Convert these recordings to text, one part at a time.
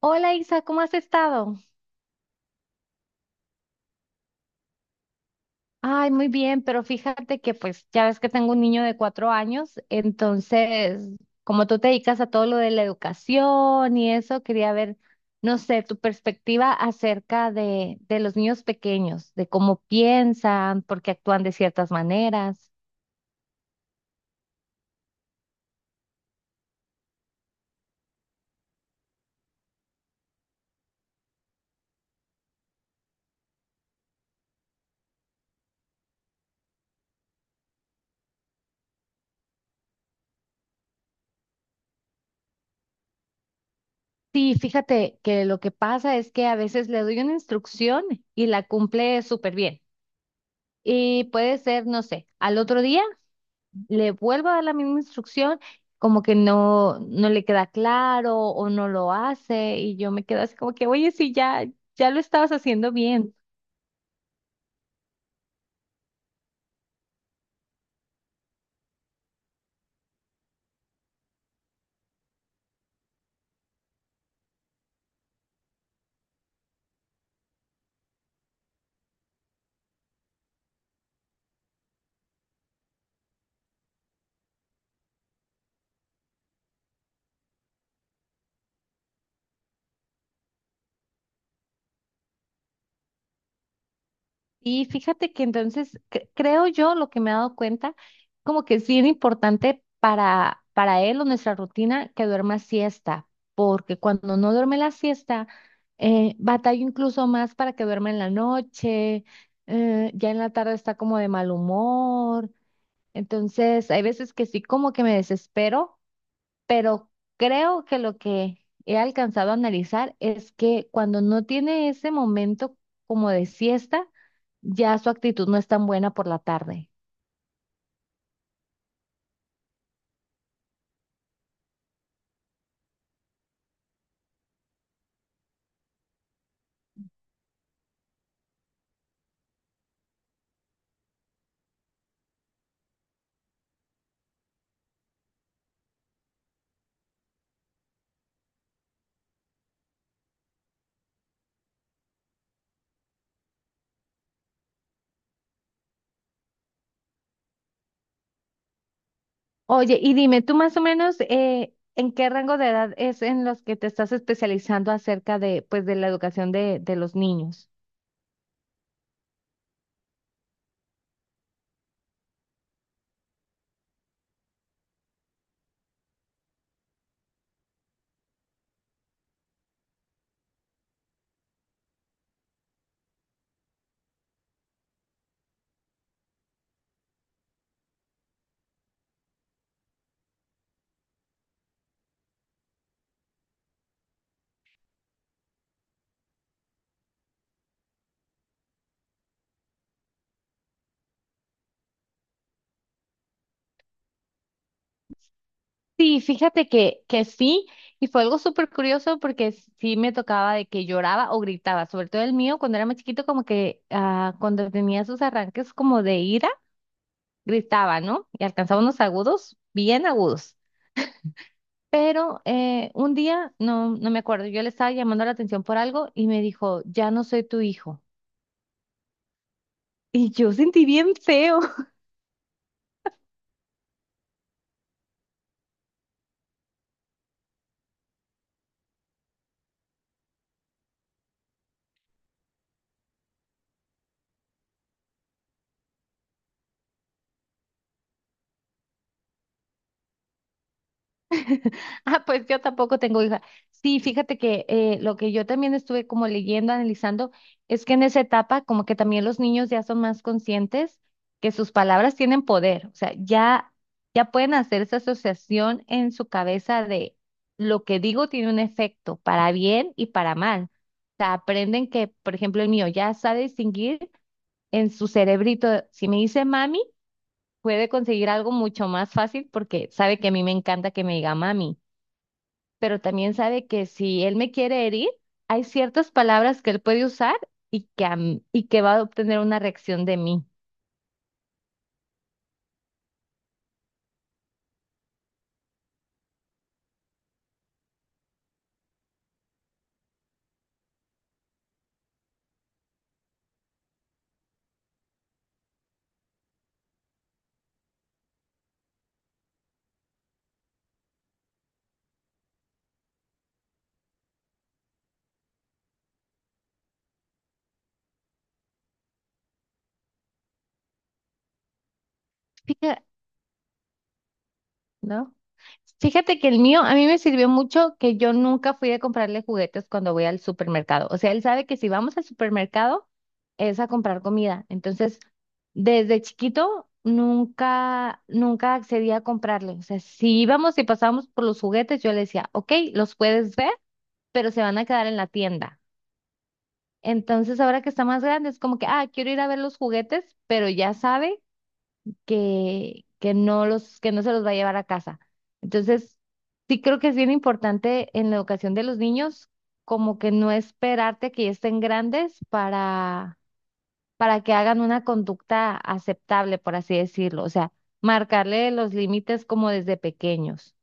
Hola Isa, ¿cómo has estado? Ay, muy bien, pero fíjate que pues ya ves que tengo un niño de 4 años, entonces como tú te dedicas a todo lo de la educación y eso, quería ver, no sé, tu perspectiva acerca de los niños pequeños, de cómo piensan, por qué actúan de ciertas maneras. Sí, fíjate que lo que pasa es que a veces le doy una instrucción y la cumple súper bien. Y puede ser, no sé, al otro día. Le vuelvo a dar la misma instrucción, como que no le queda claro o no lo hace y yo me quedo así como que, oye, sí, ya, ya lo estabas haciendo bien. Y fíjate que entonces creo yo lo que me he dado cuenta, como que es bien importante para él o nuestra rutina que duerma siesta, porque cuando no duerme la siesta, batalla incluso más para que duerma en la noche, ya en la tarde está como de mal humor. Entonces, hay veces que sí, como que me desespero, pero creo que lo que he alcanzado a analizar es que cuando no tiene ese momento como de siesta, ya su actitud no es tan buena por la tarde. Oye, y dime, tú más o menos, ¿en qué rango de edad es en los que te estás especializando acerca de, pues, de la educación de los niños? Sí, fíjate que sí, y fue algo súper curioso porque sí me tocaba de que lloraba o gritaba, sobre todo el mío cuando era más chiquito, como que ah, cuando tenía sus arranques como de ira, gritaba, ¿no? Y alcanzaba unos agudos, bien agudos. Pero un día, no me acuerdo, yo le estaba llamando la atención por algo y me dijo, ya no soy tu hijo. Y yo sentí bien feo. Ah, pues yo tampoco tengo hija. Sí, fíjate que lo que yo también estuve como leyendo, analizando, es que en esa etapa como que también los niños ya son más conscientes que sus palabras tienen poder, o sea, ya, ya pueden hacer esa asociación en su cabeza de lo que digo tiene un efecto para bien y para mal. O sea, aprenden que, por ejemplo, el mío ya sabe distinguir en su cerebrito, si me dice mami, puede conseguir algo mucho más fácil porque sabe que a mí me encanta que me diga mami, pero también sabe que si él me quiere herir, hay ciertas palabras que él puede usar y que, y que va a obtener una reacción de mí. Fíjate, ¿no? Fíjate que el mío a mí me sirvió mucho que yo nunca fui a comprarle juguetes cuando voy al supermercado. O sea, él sabe que si vamos al supermercado es a comprar comida. Entonces, desde chiquito nunca accedí a comprarle. O sea, si íbamos y pasábamos por los juguetes, yo le decía, ok, los puedes ver, pero se van a quedar en la tienda. Entonces, ahora que está más grande, es como que, ah, quiero ir a ver los juguetes, pero ya sabe que, que no se los va a llevar a casa. Entonces, sí creo que es bien importante en la educación de los niños, como que no esperarte que ya estén grandes para que hagan una conducta aceptable, por así decirlo. O sea, marcarle los límites como desde pequeños.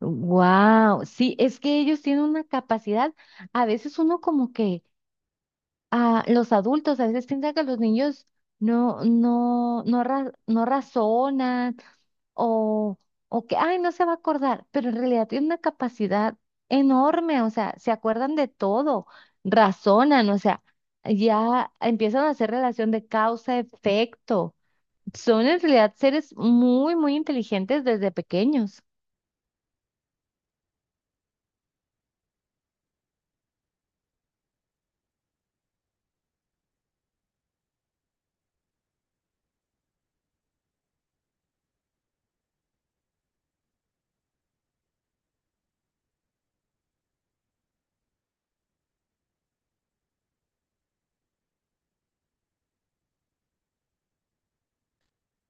Wow, sí, es que ellos tienen una capacidad, a veces uno como que a los adultos a veces piensan que los niños no razonan o, o que, ay, no se va a acordar, pero en realidad tienen una capacidad enorme, o sea, se acuerdan de todo, razonan, o sea, ya empiezan a hacer relación de causa-efecto. Son en realidad seres muy, muy inteligentes desde pequeños.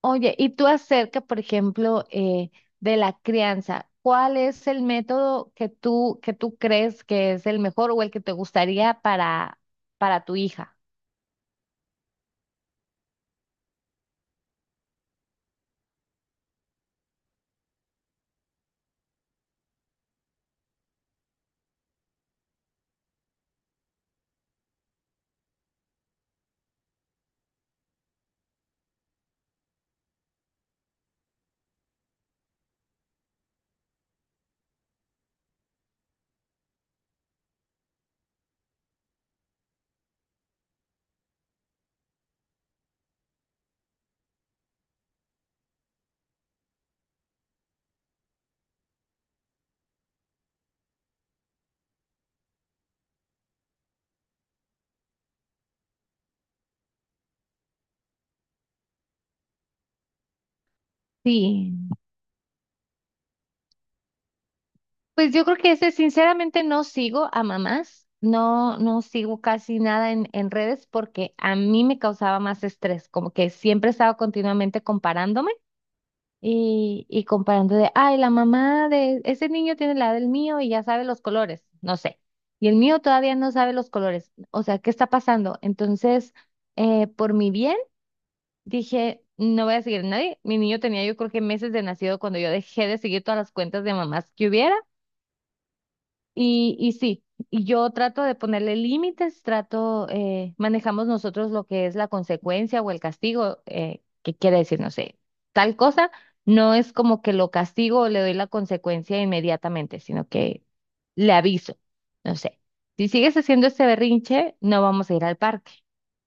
Oye, y tú acerca, por ejemplo, de la crianza, ¿cuál es el método que que tú crees que es el mejor o el que te gustaría para tu hija? Sí. Pues yo creo que ese, sinceramente, no sigo a mamás, no sigo casi nada en redes porque a mí me causaba más estrés, como que siempre estaba continuamente comparándome. Y comparando de, ay, la mamá de ese niño tiene la edad del mío y ya sabe los colores, no sé. Y el mío todavía no sabe los colores. O sea, ¿qué está pasando? Entonces, por mi bien, dije, no voy a seguir a nadie. Mi niño tenía yo creo que meses de nacido cuando yo dejé de seguir todas las cuentas de mamás que hubiera. Y sí, y yo trato de ponerle límites, trato, manejamos nosotros lo que es la consecuencia o el castigo, que quiere decir, no sé, tal cosa, no es como que lo castigo o le doy la consecuencia inmediatamente, sino que le aviso, no sé, si sigues haciendo este berrinche, no vamos a ir al parque,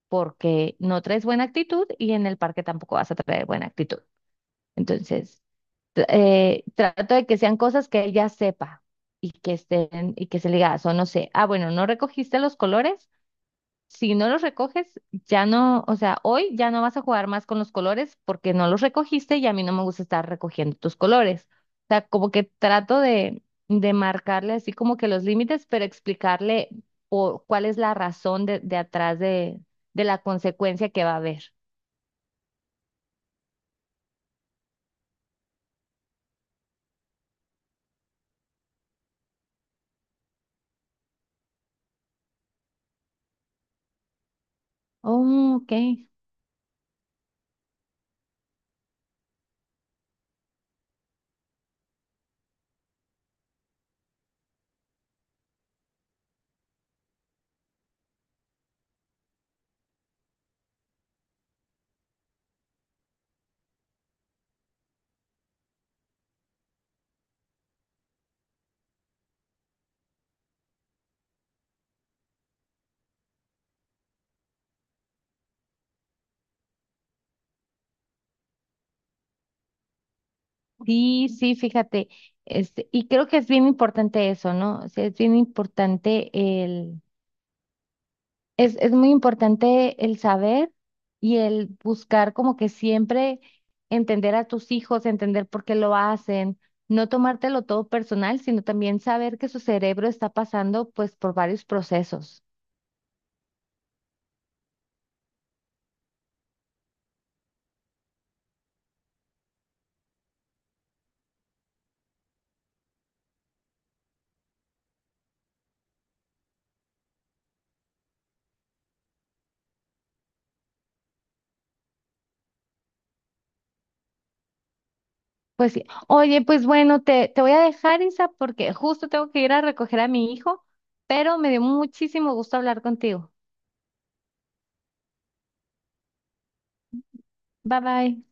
porque no traes buena actitud y en el parque tampoco vas a traer buena actitud. Entonces trato de que sean cosas que ella sepa y que estén y que se le diga, o no sé, ah, bueno, no recogiste los colores, si no los recoges, ya no, o sea, hoy ya no vas a jugar más con los colores porque no los recogiste y a mí no me gusta estar recogiendo tus colores. O sea, como que trato de marcarle así como que los límites, pero explicarle por, cuál es la razón de atrás de la consecuencia que va a haber. Oh, ok. Sí, sí, fíjate, este, y creo que es bien importante eso, ¿no? O sea, es bien importante el, es muy importante el saber y el buscar como que siempre entender a tus hijos, entender por qué lo hacen, no tomártelo todo personal, sino también saber que su cerebro está pasando pues por varios procesos. Pues sí, oye, pues bueno, te voy a dejar, Isa, porque justo tengo que ir a recoger a mi hijo, pero me dio muchísimo gusto hablar contigo. Bye bye.